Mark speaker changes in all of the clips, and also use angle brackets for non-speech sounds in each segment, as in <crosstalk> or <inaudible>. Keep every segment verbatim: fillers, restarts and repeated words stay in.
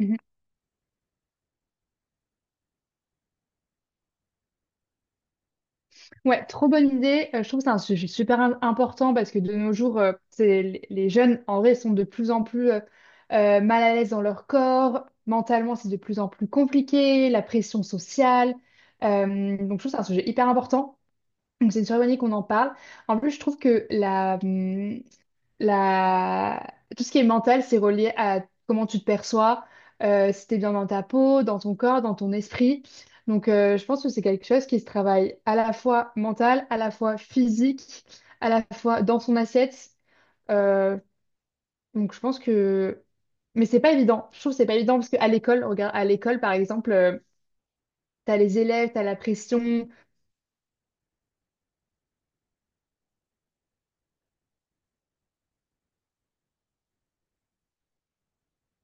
Speaker 1: Mhm. Ouais, trop bonne idée. Euh, je trouve que c'est un sujet super im- important parce que de nos jours, euh, c'est, les les jeunes, en vrai, sont de plus en plus euh, euh, mal à l'aise dans leur corps. Mentalement, c'est de plus en plus compliqué, la pression sociale. Euh, donc, je trouve que c'est un sujet hyper important. Donc, c'est une super bonne idée qu'on en parle. En plus, je trouve que la, hum, la... tout ce qui est mental, c'est relié à comment tu te perçois, euh, si t'es bien dans ta peau, dans ton corps, dans ton esprit. Donc, euh, je pense que c'est quelque chose qui se travaille à la fois mental, à la fois physique, à la fois dans son assiette. Euh, donc, je pense que... Mais c'est pas évident. Je trouve que c'est pas évident parce qu'à l'école, regarde, à l'école, par exemple, euh, t'as les élèves, t'as la pression.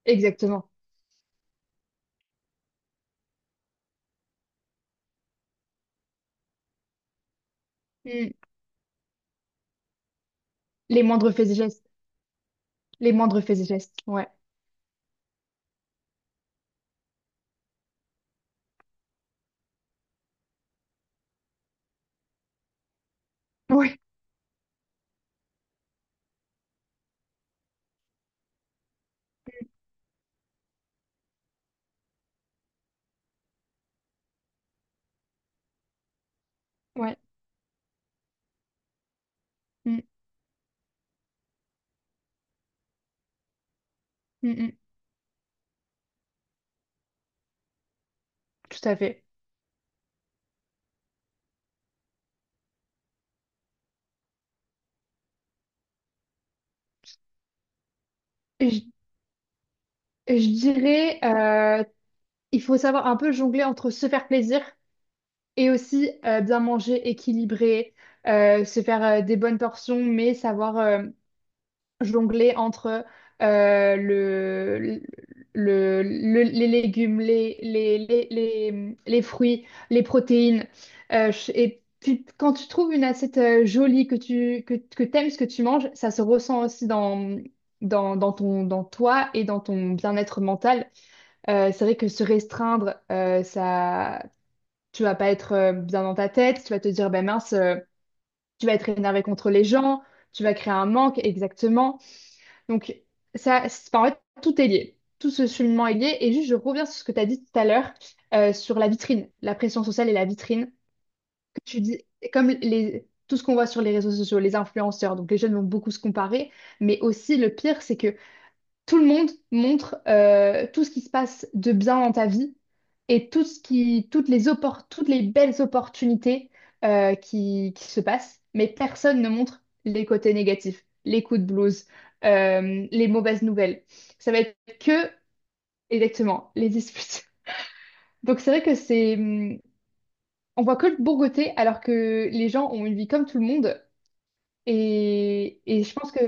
Speaker 1: Exactement. Mm. Les moindres faits et gestes. Les moindres faits et gestes. Ouais. Ouais. Ouais. Mm, mm, mm. Tout à fait. Je, je dirais, euh, il faut savoir un peu jongler entre se faire plaisir et aussi euh, bien manger, équilibrer, euh, se faire euh, des bonnes portions, mais savoir euh, jongler entre euh, le, le, le- les légumes, les, les, les, les, les fruits, les protéines. Euh, je- et puis, quand tu trouves une assiette euh, jolie, que tu que, que t'aimes ce que tu manges, ça se ressent aussi dans, dans, dans ton, dans toi et dans ton bien-être mental. Euh, c'est vrai que se restreindre, euh, ça, tu vas pas être euh, bien dans ta tête, tu vas te dire, ben mince, euh, tu vas être énervé contre les gens, tu vas créer un manque, exactement. Donc, ça, c'est- enfin, en fait, tout est lié. Tout ce cheminement est lié. Et juste, je reviens sur ce que tu as dit tout à l'heure, euh, sur la vitrine, la pression sociale et la vitrine, que tu dis, comme les, tout ce qu'on voit sur les réseaux sociaux, les influenceurs, donc les jeunes vont beaucoup se comparer, mais aussi le pire, c'est que tout le monde montre euh, tout ce qui se passe de bien dans ta vie et tout ce qui, toutes les oppor- toutes les belles opportunités euh, qui, qui se passent, mais personne ne montre les côtés négatifs, les coups de blues, euh, les mauvaises nouvelles. Ça va être que, exactement, les disputes. <laughs> Donc c'est vrai que c'est... hum, on voit que le bon côté alors que les gens ont une vie comme tout le monde et, et je pense que...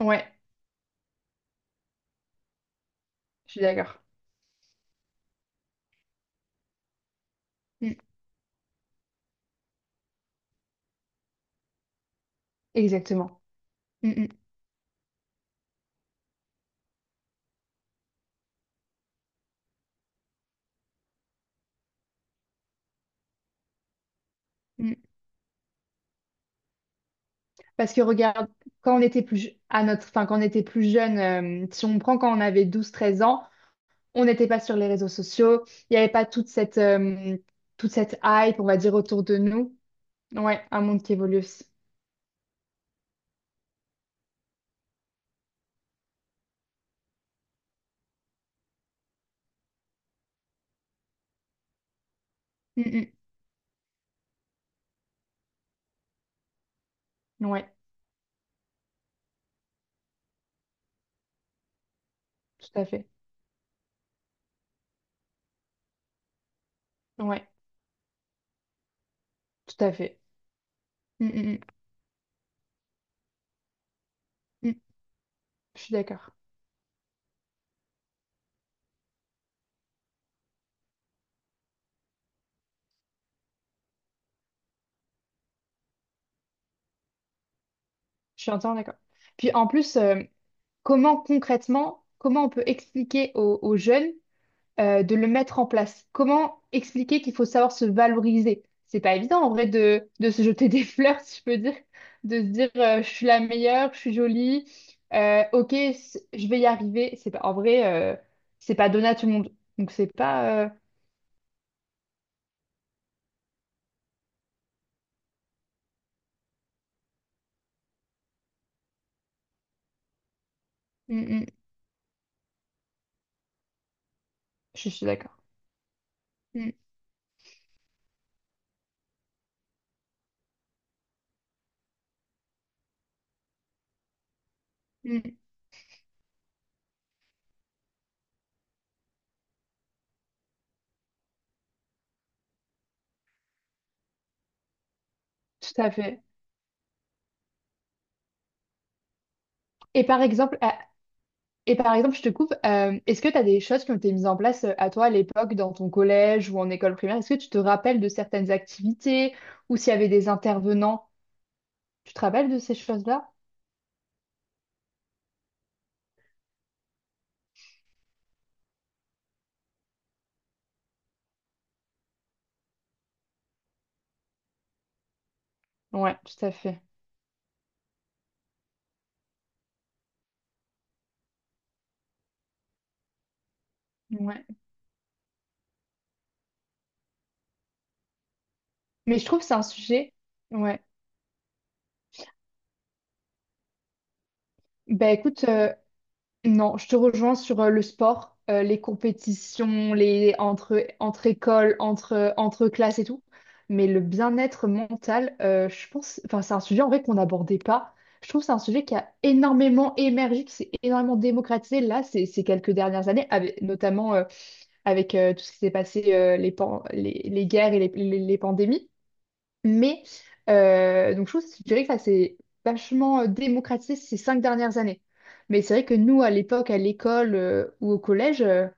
Speaker 1: Ouais, je suis d'accord. Mm, exactement. Mm, mm, mm. Parce que regarde, quand on était plus, je- à notre, enfin, quand on était plus jeune, euh, si on prend quand on avait douze treize ans, on n'était pas sur les réseaux sociaux, il n'y avait pas toute cette, euh, toute cette hype, on va dire, autour de nous. Ouais, un monde qui évolue aussi. Mm, mm. Ouais, tout à fait. Ouais, tout à fait. Mm, mm, mm, mm. Je suis d'accord. Je suis entièrement d'accord. Puis en plus, euh, comment concrètement, comment on peut expliquer aux, aux jeunes euh, de le mettre en place? Comment expliquer qu'il faut savoir se valoriser? C'est pas évident en vrai de, de se jeter des <laughs> fleurs, si je peux dire, de se dire euh, je suis la meilleure, je suis jolie, euh, ok, c- je vais y arriver. C'est pas en vrai, euh, c'est pas donné à tout le monde. Donc c'est pas. Euh, mm, mm, je suis d'accord. Mm, mm, tout à fait. Et par exemple, à- et par exemple, je te coupe, euh, est-ce que tu as des choses qui ont été mises en place euh, à toi à l'époque dans ton collège ou en école primaire? Est-ce que tu te rappelles de certaines activités ou s'il y avait des intervenants? Tu te rappelles de ces choses-là? Ouais, tout à fait. Ouais. Mais je trouve que c'est un sujet. Ouais. Bah écoute, euh, non, je te rejoins sur euh, le sport, euh, les compétitions, les entre, entre écoles, entre, entre classes et tout. Mais le bien-être mental, euh, je pense, enfin, c'est un sujet en vrai qu'on n'abordait pas. Je trouve que c'est un sujet qui a énormément émergé, qui s'est énormément démocratisé là, ces, ces quelques dernières années, avec, notamment euh, avec euh, tout ce qui s'est passé, euh, les, pan- les, les guerres et les les- les pandémies. Mais, euh, donc je trouve, je dirais que ça s'est vachement euh, démocratisé ces cinq dernières années. Mais c'est vrai que nous, à l'époque, à l'école euh, ou au collège, euh,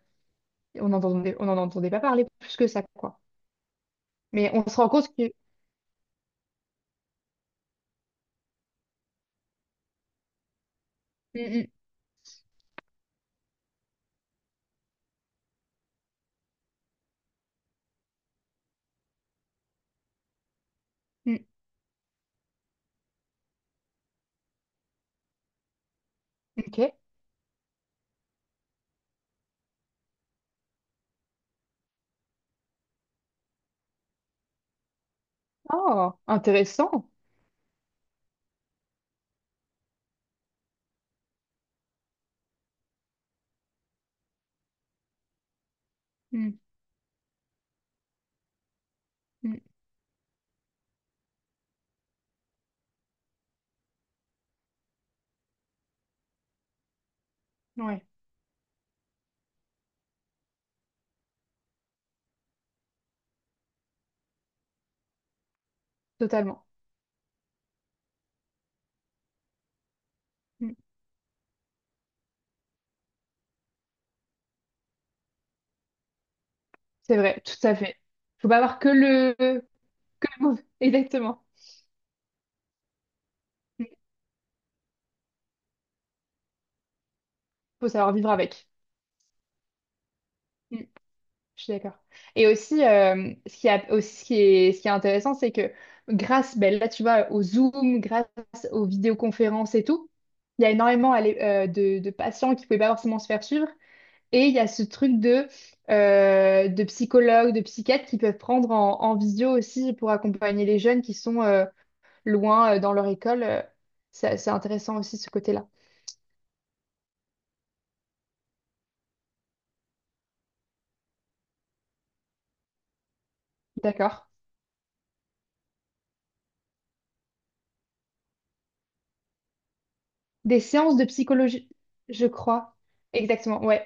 Speaker 1: on n'entendait on n'en entendait pas parler plus que ça, quoi. Mais on se rend compte que... Mm, mm, mm. Ok. Oh, intéressant. Mm, mm. Ouais, totalement. Mm. C'est vrai, tout à fait. Faut pas avoir que le... Que le mauvais. <laughs> Exactement. Mm. Faut savoir vivre avec. Mm. Je suis d'accord. Et aussi, euh, ce qui a- aussi, ce qui est, ce qui est intéressant, c'est que grâce, ben là, tu vois, au Zoom, grâce aux vidéoconférences et tout, il y a énormément allez, euh, de, de patients qui ne pouvaient pas forcément se faire suivre. Et il y a ce truc de, euh, de psychologues, de psychiatres qui peuvent prendre en, en visio aussi pour accompagner les jeunes qui sont euh, loin euh, dans leur école. Euh, ça- C'est intéressant aussi ce côté-là. D'accord. Des séances de psychologie, je crois. Exactement, ouais.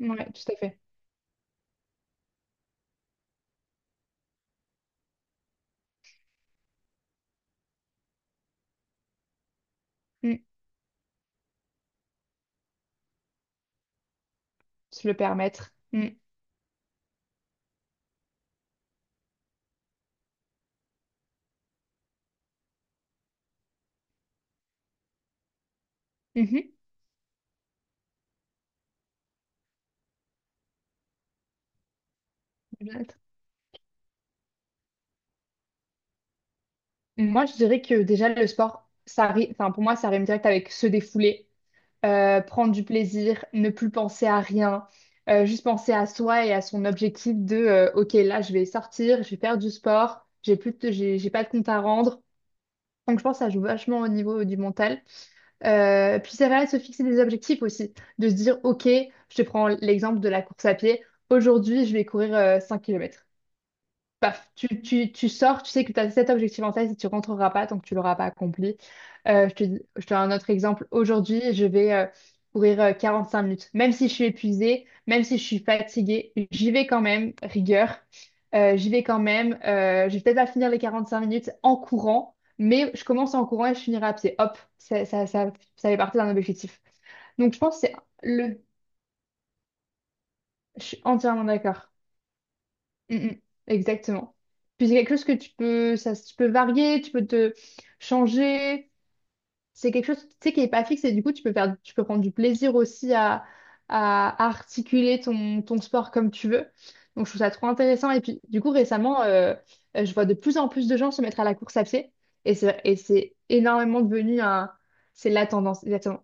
Speaker 1: Mm, ouais, tout à fait. Mmh. Se le permettre. Mm. Mhm. Exact. Moi, je dirais que déjà, le sport, ça ri- enfin, pour moi, ça rime direct avec se défouler, euh, prendre du plaisir, ne plus penser à rien, euh, juste penser à soi et à son objectif de euh, OK, là, je vais sortir, je vais faire du sport, j'ai plus de- j'ai, j'ai pas de compte à rendre. Donc, je pense que ça joue vachement au niveau du mental. Euh, puis, c'est vrai, de se fixer des objectifs aussi, de se dire OK, je te prends l'exemple de la course à pied. Aujourd'hui, je vais courir euh, cinq kilomètres. Paf, tu, tu, tu sors, tu sais que tu as cet objectif en tête et tu ne rentreras pas tant que tu l'auras pas accompli. Euh, je te, dis- je te donne un autre exemple. Aujourd'hui, je vais euh, courir euh, quarante-cinq minutes. Même si je suis épuisée, même si je suis fatiguée, j'y vais quand même, rigueur. Euh, j'y vais quand même. Euh, je vais peut-être pas finir les quarante-cinq minutes en courant, mais je commence en courant et je finirai à pied. Hop, ça, ça, ça, ça fait partie d'un objectif. Donc, je pense que c'est le... Je suis entièrement d'accord. Mm, mm. Exactement. Puis c'est quelque chose que tu peux, ça, tu peux varier, tu peux te changer. C'est quelque chose, tu sais, qui est pas fixe et du coup, tu peux faire, tu peux prendre du plaisir aussi à, à articuler ton, ton sport comme tu veux. Donc, je trouve ça trop intéressant. Et puis, du coup, récemment, euh, euh, je vois de plus en plus de gens se mettre à la course à pied et c'est, et c'est énormément devenu un, c'est la tendance, exactement,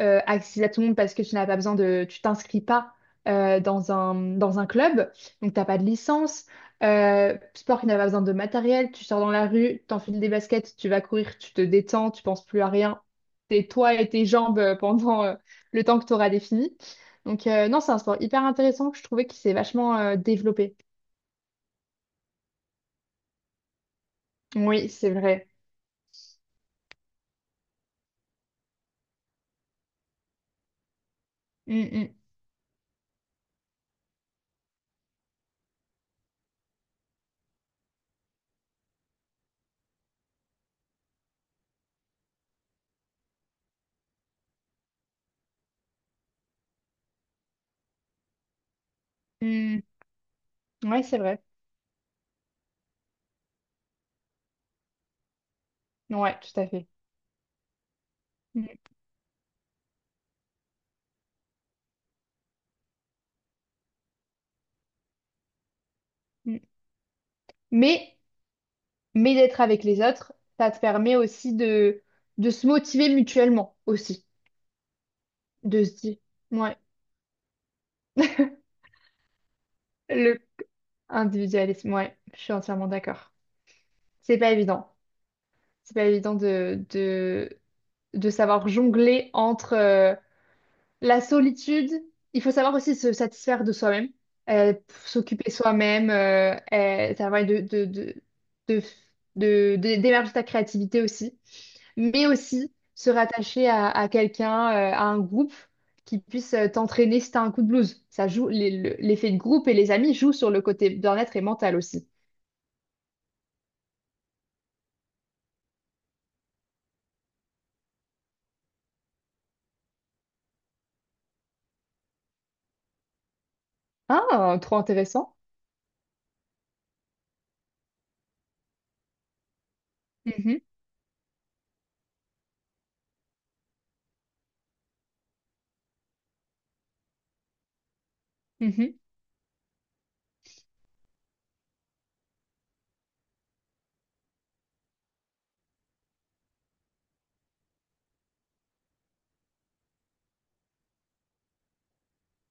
Speaker 1: euh, accessible à tout le monde parce que tu n'as pas besoin de, tu t'inscris pas euh, dans un, dans un club, donc t'as pas de licence. Euh, sport qui n'a pas besoin de matériel, tu sors dans la rue, t'enfiles des baskets, tu vas courir, tu te détends, tu penses plus à rien, t'es toi et tes jambes euh, pendant euh, le temps que tu auras défini. Donc euh, non, c'est un sport hyper intéressant que je trouvais qui s'est vachement euh, développé. Oui, c'est vrai. Mm, mm, mm. Ouais, c'est vrai. Ouais, tout à fait. Mm, mm. Mais mais d'être avec les autres, ça te permet aussi de, de se motiver mutuellement aussi, de se dire, ouais, le individualisme, ouais, je suis entièrement d'accord. C'est pas évident. C'est pas évident de, de, de savoir jongler entre, euh, la solitude, il faut savoir aussi se satisfaire de soi-même, euh, s'occuper soi-même, euh, euh, ça va de, de, de, de, de- de- d'émerger ta créativité aussi, mais aussi se rattacher à, à quelqu'un, euh, à un groupe qui puisse euh, t'entraîner si t'as un coup de blues. Ça joue, les- le- l'effet de groupe et les amis jouent sur le côté bien-être et mental aussi. Ah, trop intéressant. Mhm, mhm,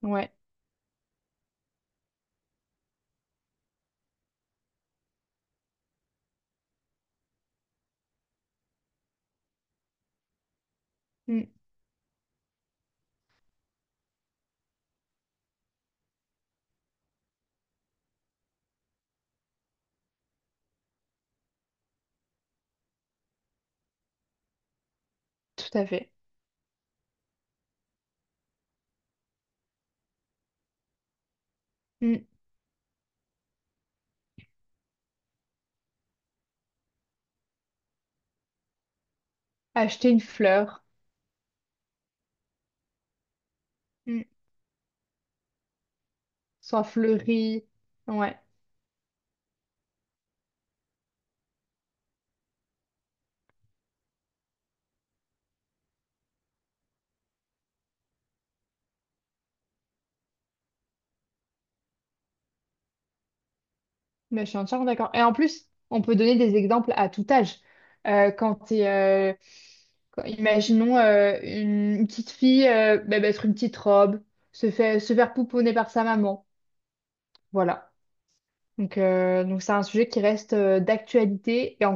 Speaker 1: ouais, mm, tout à fait. Mm. Acheter une fleur, mm, soit fleurie. Ouais. Mais je suis entièrement d'accord. Et en plus, on peut donner des exemples à tout âge. Euh, quand t'es, euh, quand- Imaginons euh, une une petite fille euh, bah, mettre une petite robe, se fait, se faire pouponner par sa maman. Voilà. Donc, euh, donc c'est un sujet qui reste euh, d'actualité et